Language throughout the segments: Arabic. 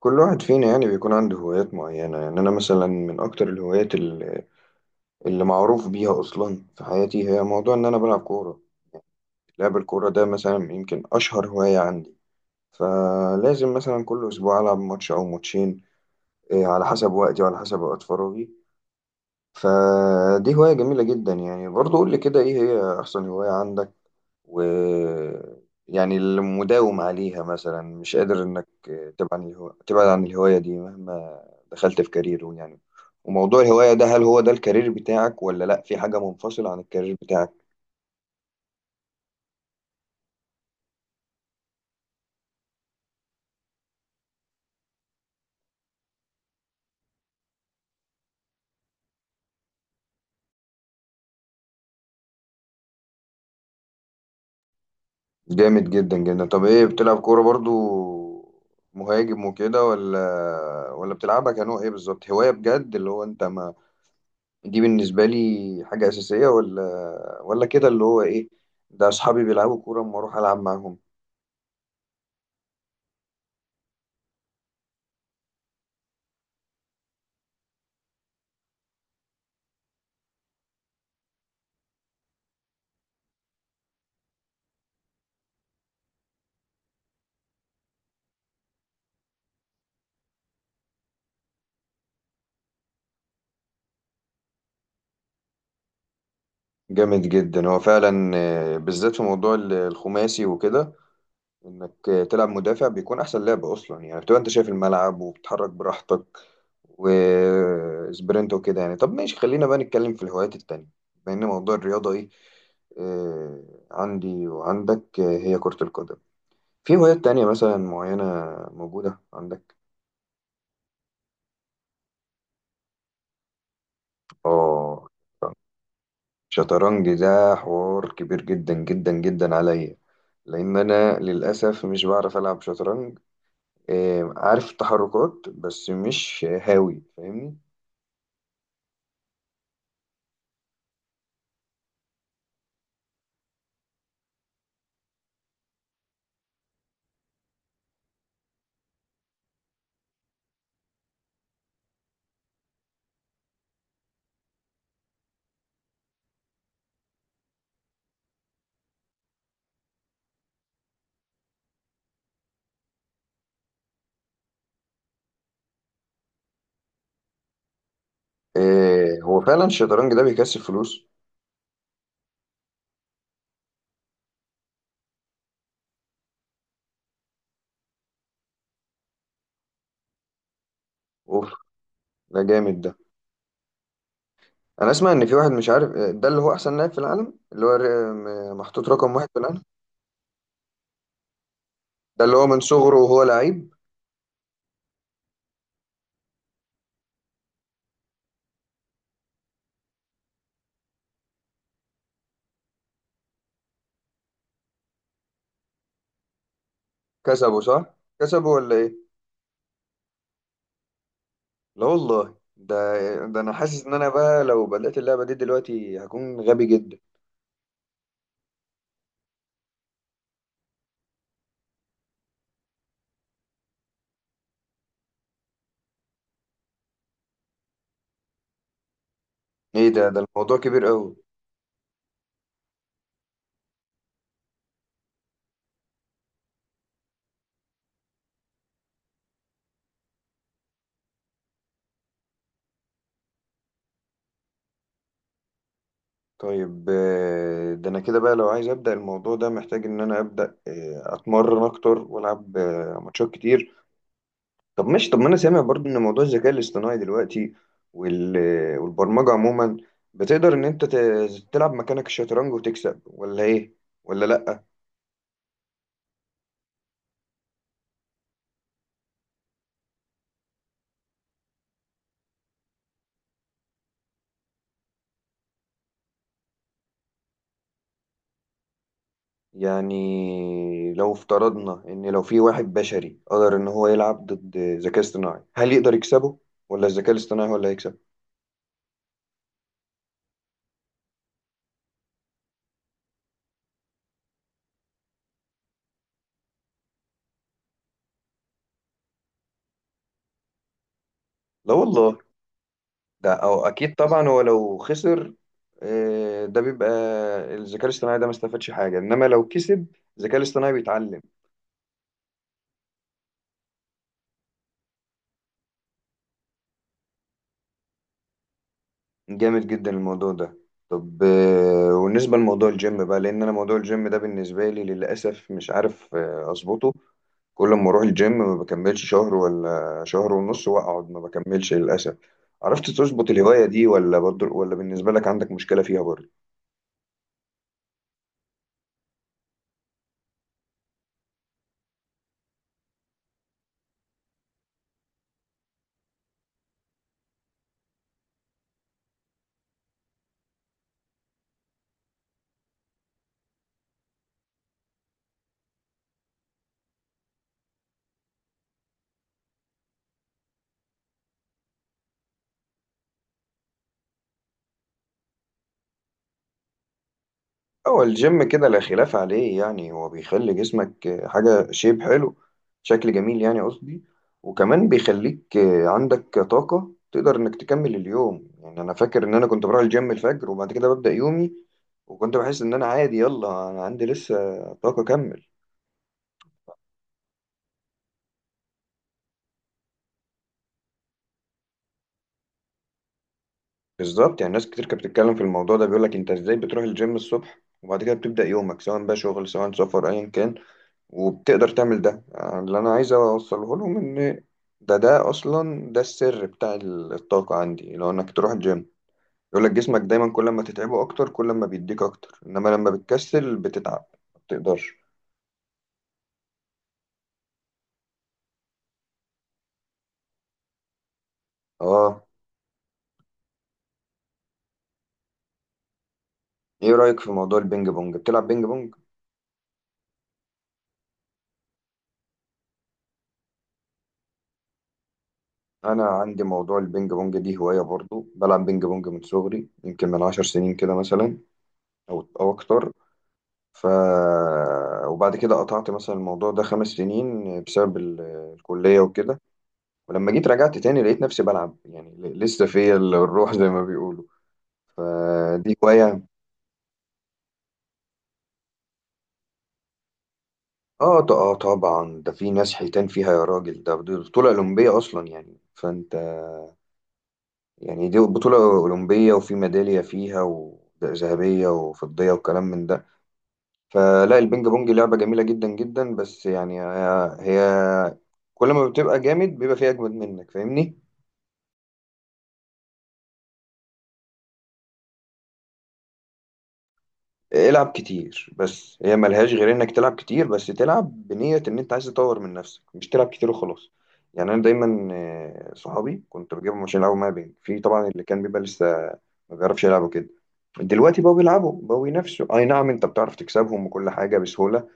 كل واحد فينا يعني بيكون عنده هوايات معينة. يعني أنا مثلا من أكتر الهوايات اللي معروف بيها أصلا في حياتي هي موضوع إن أنا بلعب كورة. لعب الكورة ده مثلا يمكن أشهر هواية عندي، فلازم مثلا كل أسبوع ألعب ماتش أو ماتشين، إيه، على حسب وقتي وعلى حسب وقت فراغي. فدي هواية جميلة جدا يعني، برضه قول لي كده إيه هي أحسن هواية عندك ويعني المداوم عليها، مثلا مش قادر انك تبعد عن الهواية دي مهما دخلت في كارير يعني. وموضوع الهواية ده هل هو ده الكارير بتاعك ولا لا، في حاجة منفصلة عن الكارير بتاعك؟ جامد جدا جدا. طب ايه، بتلعب كورة برضو مهاجم وكده ولا بتلعبها كنوع ايه بالظبط؟ هواية بجد اللي هو انت ما، دي بالنسبة لي حاجة أساسية ولا كده اللي هو ايه؟ ده اصحابي بيلعبوا كورة اما اروح العب معاهم. جامد جدا. هو فعلا بالذات في موضوع الخماسي وكده، انك تلعب مدافع بيكون احسن لعب اصلا. يعني بتبقى انت شايف الملعب وبتتحرك براحتك وسبرنت وكده يعني. طب ماشي، خلينا بقى نتكلم في الهوايات التانية. بما ان موضوع الرياضة ايه، آه، عندي وعندك هي كرة القدم، في هوايات تانية مثلا معينة موجودة عندك؟ اه. شطرنج ده حوار كبير جدا جدا جدا عليا، لان انا للاسف مش بعرف العب شطرنج. عارف التحركات بس مش هاوي، فاهمني؟ هو فعلا الشطرنج ده بيكسب فلوس. اوف، ده جامد ده. انا اسمع ان في واحد مش عارف ده اللي هو احسن لاعب في العالم، اللي هو محطوط رقم واحد في العالم. ده اللي هو من صغره وهو لعيب. كسبه صح؟ كسبه ولا ايه؟ لا والله، ده انا حاسس ان انا بقى لو بدأت اللعبة دي دلوقتي هكون غبي جدا. ايه ده الموضوع كبير قوي. طيب، ده انا كده بقى لو عايز ابدا الموضوع ده، محتاج ان انا ابدا اتمرن اكتر والعب ماتشات كتير. طب ماشي، طب ما انا سامع برضو ان موضوع الذكاء الاصطناعي دلوقتي وال- والبرمجه عموما، بتقدر ان انت تلعب مكانك الشطرنج وتكسب ولا ايه ولا لا؟ يعني لو افترضنا ان لو في واحد بشري قدر ان هو يلعب ضد ذكاء اصطناعي، هل يقدر يكسبه ولا الذكاء الاصطناعي هو اللي هيكسب؟ لا والله، ده أو أكيد طبعا. هو لو خسر ده بيبقى الذكاء الاصطناعي ده ما استفادش حاجة، إنما لو كسب الذكاء الاصطناعي بيتعلم. جامد جدا الموضوع ده. طب والنسبة لموضوع الجيم بقى، لأن أنا موضوع الجيم ده بالنسبة لي للأسف مش عارف أظبطه. كل ما أروح الجيم ما بكملش شهر ولا شهر ونص وأقعد، ما بكملش للأسف. عرفت تظبط الهواية دي ولا برضه ولا بالنسبة لك عندك مشكلة فيها برضه؟ هو الجيم كده لا خلاف عليه يعني. هو بيخلي جسمك حاجة شيب حلو، شكل جميل يعني قصدي، وكمان بيخليك عندك طاقة تقدر إنك تكمل اليوم. يعني أنا فاكر إن أنا كنت بروح الجيم الفجر وبعد كده ببدأ يومي، وكنت بحس إن أنا عادي يلا، أنا عندي لسه طاقة أكمل. بالظبط، يعني ناس كتير كانت بتتكلم في الموضوع ده بيقولك أنت إزاي بتروح الجيم الصبح وبعد كده بتبدأ يومك سواء بقى شغل سواء سفر أيا كان، وبتقدر تعمل ده. اللي انا عايز اوصله لهم ان ده اصلا ده السر بتاع الطاقة عندي، لو انك تروح الجيم. يقول لك جسمك دايما كل ما تتعبه اكتر كل ما بيديك اكتر، انما لما بتكسل بتتعب، ما بتقدرش. اه. ايه رأيك في موضوع البينج بونج، بتلعب بينج بونج؟ انا عندي موضوع البينج بونج دي هواية برضو، بلعب بينج بونج من صغري، يمكن من 10 سنين كده مثلا او اكتر. ف وبعد كده قطعت مثلا الموضوع ده 5 سنين بسبب الكلية وكده، ولما جيت رجعت تاني لقيت نفسي بلعب يعني، لسه فيا الروح زي ما بيقولوا. فدي هواية. اه، طبعا، ده في ناس حيتان فيها يا راجل. ده دي بطولة أولمبية أصلا يعني، فأنت يعني، دي بطولة أولمبية وفي ميدالية فيها، وذهبية وفضية وكلام من ده. فلا، البينج بونج لعبة جميلة جدا جدا، بس يعني هي كل ما بتبقى جامد بيبقى فيها أجمد منك، فاهمني؟ العب كتير، بس هي ملهاش غير انك تلعب كتير، بس تلعب بنية ان انت عايز تطور من نفسك، مش تلعب كتير وخلاص. يعني انا دايما صحابي كنت بجيبهم عشان يلعبوا معايا بينج، في طبعا اللي كان بيبقى لسه ما بيعرفش يلعبوا كده، دلوقتي بقوا بيلعبوا، بقوا ينافسوا. اي نعم، انت بتعرف تكسبهم وكل حاجة بسهولة،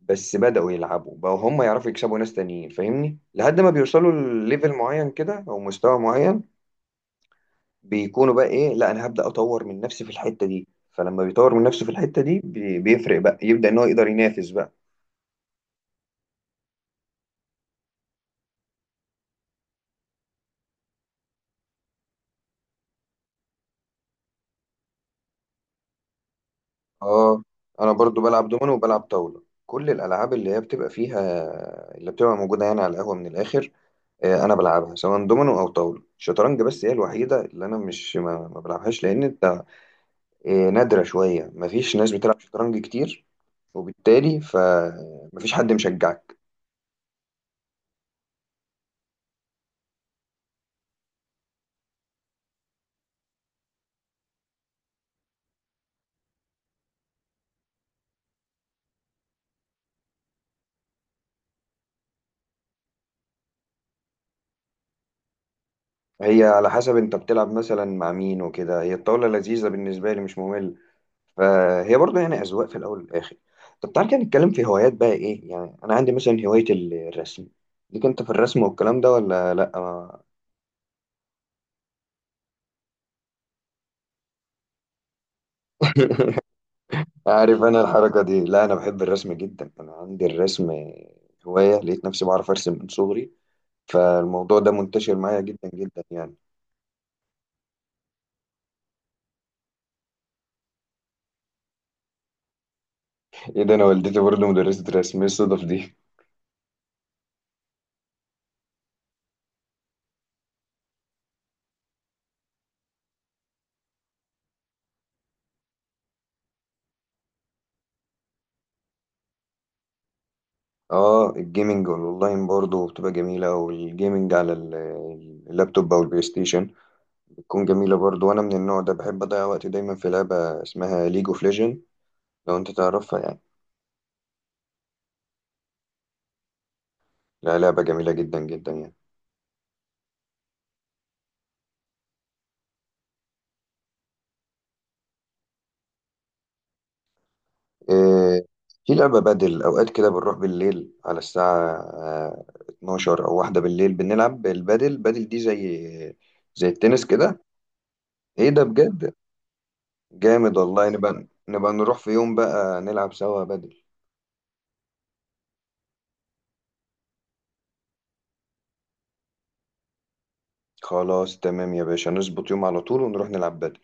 بس بدأوا يلعبوا بقوا هم يعرفوا يكسبوا ناس تانيين، فاهمني، لحد ما بيوصلوا لليفل معين كده او مستوى معين، بيكونوا بقى ايه، لا انا هبدأ اطور من نفسي في الحتة دي. فلما بيطور من نفسه في الحتة دي، بيفرق بقى، يبدأ ان هو يقدر ينافس بقى. اه. انا برضو بلعب دومينو وبلعب طاولة، كل الالعاب اللي هي بتبقى فيها، اللي بتبقى موجودة يعني على القهوة من الاخر. انا بلعبها سواء دومينو او طاولة. الشطرنج بس هي الوحيدة اللي انا مش ما بلعبهاش، لان انت نادرة شوية، مفيش ناس بتلعب شطرنج كتير، وبالتالي فمفيش حد مشجعك. هي على حسب انت بتلعب مثلا مع مين وكده، هي الطاولة لذيذة بالنسبة لي، مش ممل. فهي برضو يعني أذواق في الأول والآخر. طب تعال كده نتكلم في هوايات بقى إيه. يعني أنا عندي مثلا هواية الرسم، ليك أنت في الرسم والكلام ده ولا لأ ما-؟ عارف، أنا الحركة دي لا، أنا بحب الرسم جدا. أنا عندي الرسم هواية، لقيت نفسي بعرف أرسم من صغري، فالموضوع ده منتشر معايا جدا جدا يعني. إيه ده، أنا والدتي برضو مدرسة رسم، إيه الصدف دي؟ اه، الجيمنج والاونلاين برضه بتبقى جميلة. والجيمنج على اللابتوب او البلاي ستيشن بتكون جميلة برضه، وانا من النوع ده، بحب اضيع وقتي دايما في لعبة اسمها ليج اوف ليجند، لو انت تعرفها يعني. لا، لعبة جميلة جدا جدا يعني. إيه، في لعبة بدل، اوقات كده بنروح بالليل على الساعة 12 او واحدة بالليل، بنلعب البدل. بدل دي زي التنس كده. ايه ده، بجد؟ جامد والله. نبقى نروح في يوم بقى نلعب سوا بدل. خلاص تمام يا باشا، نظبط يوم على طول ونروح نلعب بدل.